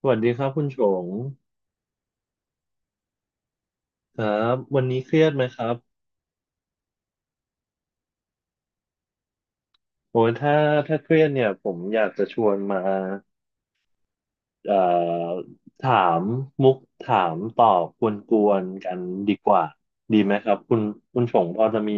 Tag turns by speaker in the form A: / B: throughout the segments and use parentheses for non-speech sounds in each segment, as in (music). A: สวัสดีครับคุณชงครับวันนี้เครียดไหมครับโอ้ยถ้าเครียดเนี่ยผมอยากจะชวนมาเอ่อถามมุกถามตอบกวนๆกันดีกว่าดีไหมครับคุณชงพอจะมี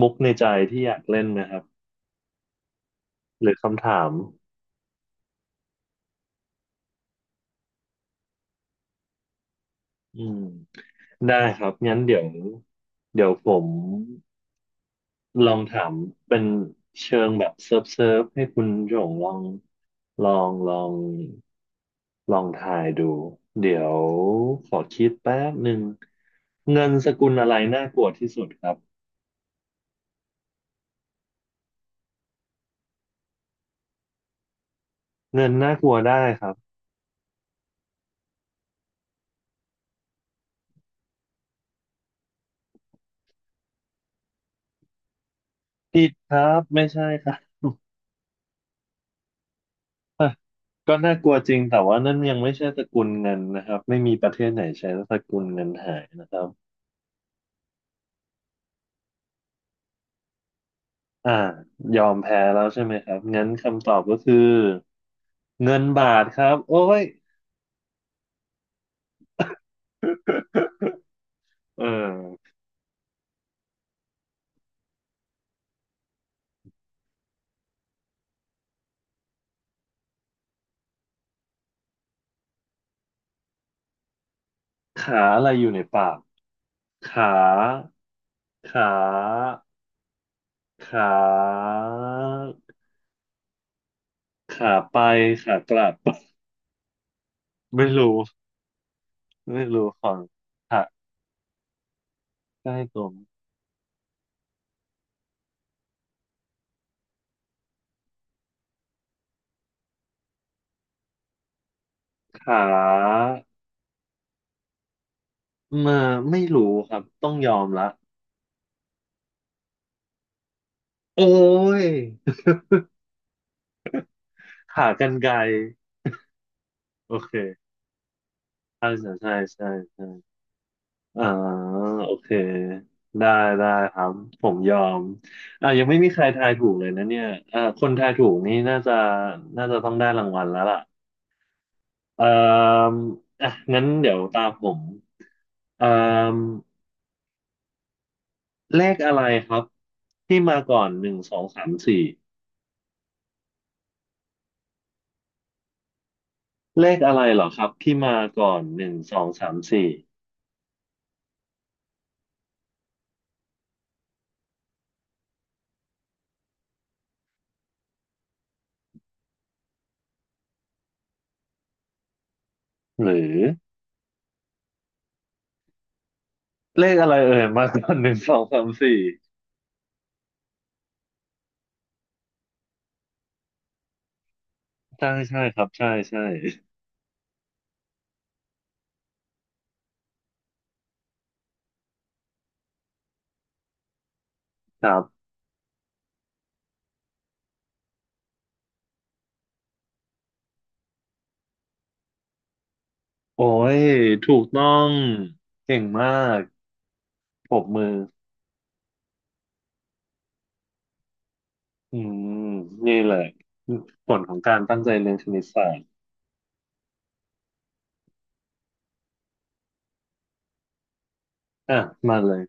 A: มุกในใจที่อยากเล่นไหมครับหรือคำถามอืมได้ครับงั้นเดี๋ยวผม ลองถามเป็นเชิงแบบเซิร์ฟเซิร์ฟให้คุณหยงลองลองลองทายดูเดี๋ยวขอคิดแป๊บหนึ่งเงินสกุลอะไรน่ากลัวที่สุดครับเงินน่ากลัวได้ครับผิดครับไม่ใช่ครับก็น่ากลัวจริงแต่ว่านั่นยังไม่ใช่สกุลเงินนะครับไม่มีประเทศไหนใช้สกุลเงินหายนะครับอ่ายอมแพ้แล้วใช่ไหมครับงั้นคำตอบก็คือเงินบาทครับโอ้ยเออ ขาอะไรอยู่ในปากขาขาขาขาไปขากลับ (laughs) ไม่รู้ไม่รู้ของขาใกล้ตัวมั้ยขามาไม่รู้ครับต้องยอมละโอ้ย (laughs) ขากรรไกรโอเคใช่ใช่ใช่ใช่ใช่อ่าโอเคได้ได้ครับผมยอมยังไม่มีใครทายถูกเลยนะเนี่ยคนทายถูกนี่น่าจะต้องได้รางวัลแล้วล่ะ เอ่ออ่ะงั้นเดี๋ยวตามผมเอ่อเลขอะไรครับที่มาก่อนหนึ่งสองสามสี่เลขอะไรเหรอครับที่มาก่อนหนึ่งสองสามสี่หรือเลขอะไรเอ่ยมาก่อนหนึ่งสองสามสี่ใช่ใช่ครับใช่ใช่ครับโอ้ยถูกต้องเก่งมากปรบมืออืมนี่แหละผลของการตั้งใจเรียนคณิตศาสตร์อ่ะมาเลย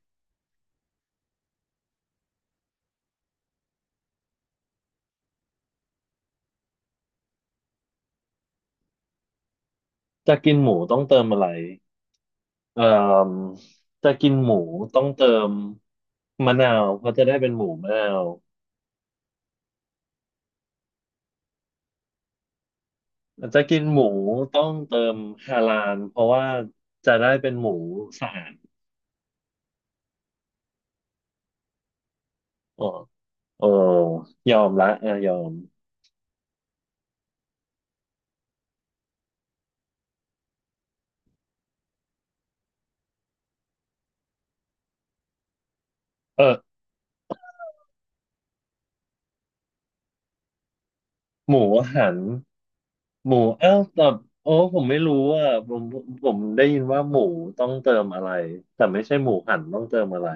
A: จะกินหมูต้องเติมอะไร เอ่อจะกินหมูต้องเติมมะนาวเพราะจะได้เป็นหมูมะนาวจะกินหมูต้องเติมฮาลาลเพราะว่าจะได้เป็นหมูสะอาดอ๋อโอ้ยอมละอ่ะยอมเออหมูหันหมูเอ้าแต่โอ้ผมไม่รู้อ่ะผมได้ยินว่าหมูต้องเติมอะไรแต่ไม่ใช่หมูหันต้องเติมอะไร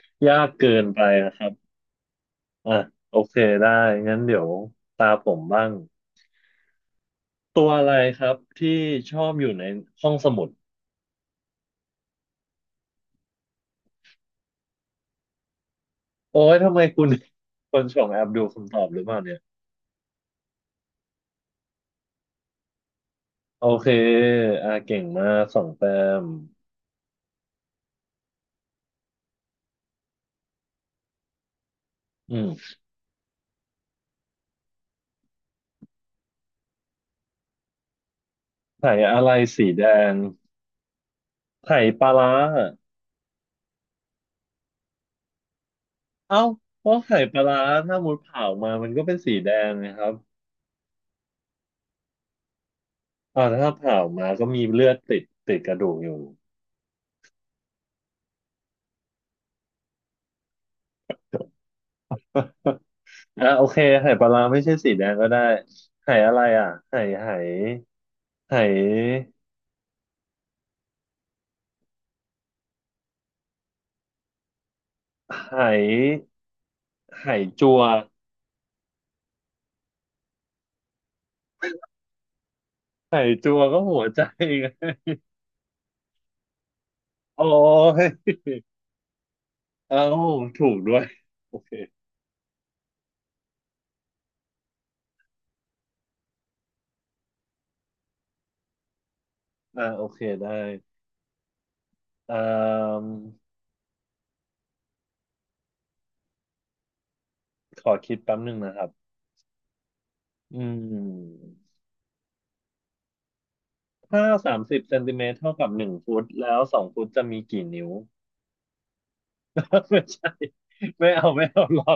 A: (laughs) ยากเกินไปนะครับอ่ะโอเคได้งั้นเดี๋ยวตาผมบ้าง ตัวอะไรครับที่ชอบอยู่ในห้องสมุดโอ้ยทำไมคุณ (laughs) คนส่งแอบดูคำตอบหรือเปล่าเนี่ยโอเคเก่งมากสองแต้มอืมไข่อะไรสีแดงไข่ปลาร้าเอ้าเพราะไข่ปลาร้าถ้ามุดเผามามันก็เป็นสีแดงนะครับถ้าเผามาก็มีเลือดติดติดกระดูกอยู่ (laughs) โอเคไข่ปลาร้าไม่ใช่สีแดงก็ได้ไข่อะไรอ่ะไข่ไข่ไข่ไข่ไข่จัว ไข่จัวก็หัวใจไง โอ้ย เอ้าถูกด้วย โอเคโอเคได้อ่ามขอคิดแป๊บหนึ่งนะครับอืมถ้า30 เซนติเมตรเท่ากับ1 ฟุตแล้วสองฟุตจะมีกี่นิ้ว (laughs) ไม่ใช่ ไม่เอาไม่เอารอ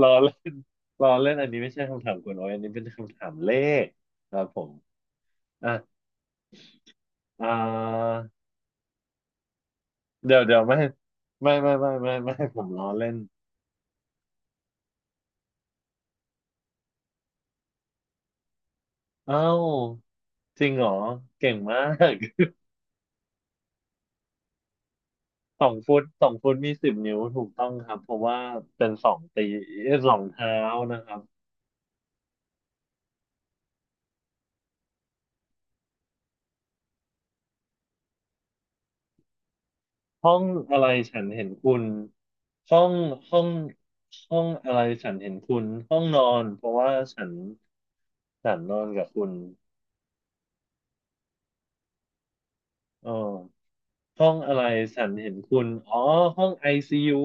A: รอเล่นรอเล่นอันนี้ไม่ใช่คำถามคุณโอ้อยอันนี้เป็นคำถามเลขครับผมอ่ะอ่าเดี๋ยวไม่ ไม่ไม่ไม่ไม่ไม่ผมล้อเล่น เอ้า จริงเหรอเก่งมาก (laughs) สองฟุตมี10 นิ้วถูกต้องครับเพราะว่าเป็นสองตีสองเท้านะครับห้องอะไรฉันเห็นคุณห้องห้องห้องอะไรฉันเห็นคุณห้องนอนเพราะว่าฉันนอนกับคุณเออห้องอะไรฉันเห็นคุณอ๋อห้องไอซียู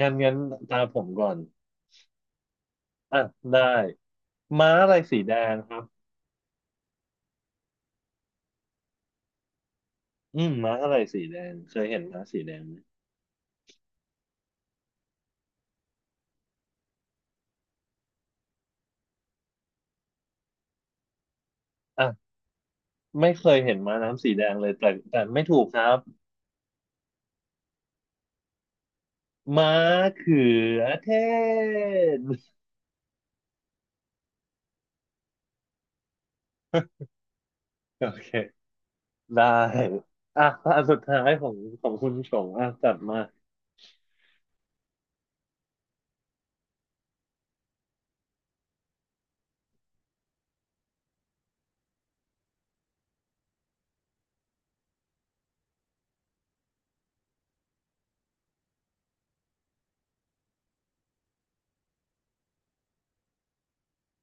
A: งั้นตาผมก่อนอ่ะได้ม้าอะไรสีแดงครับอืมม้าอะไรสีแดงเคยเห็นม้าสีแดงไหมอ่ะ ไม่เคยเห็นม้าน้ำสีแดงเลยแต่ไม่ถูกครับม้าเขือเทศโอเคได้อ่ะอันสุดท้ายของคุณชงอ่ะจัดมา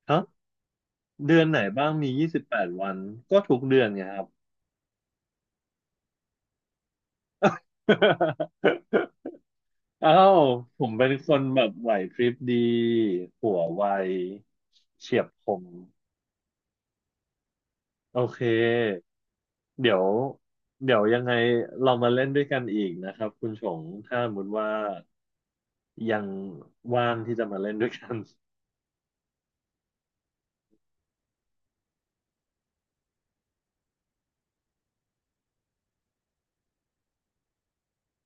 A: ครับเดือนไหนบ้างมี28 วันก็ทุกเดือนไงครับ (laughs) อ้าวผมเป็นคนแบบไหวพริบดีหัวไวเฉียบคมโอเคเดี๋ยวเดี๋ยวยังไงเรามาเล่นด้วยกันอีกนะครับคุณชงถ้าสมมติว่า ยังว่างที่จะมาเล่นด้วยกัน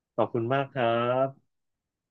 A: (laughs) ขอบคุณมากครับ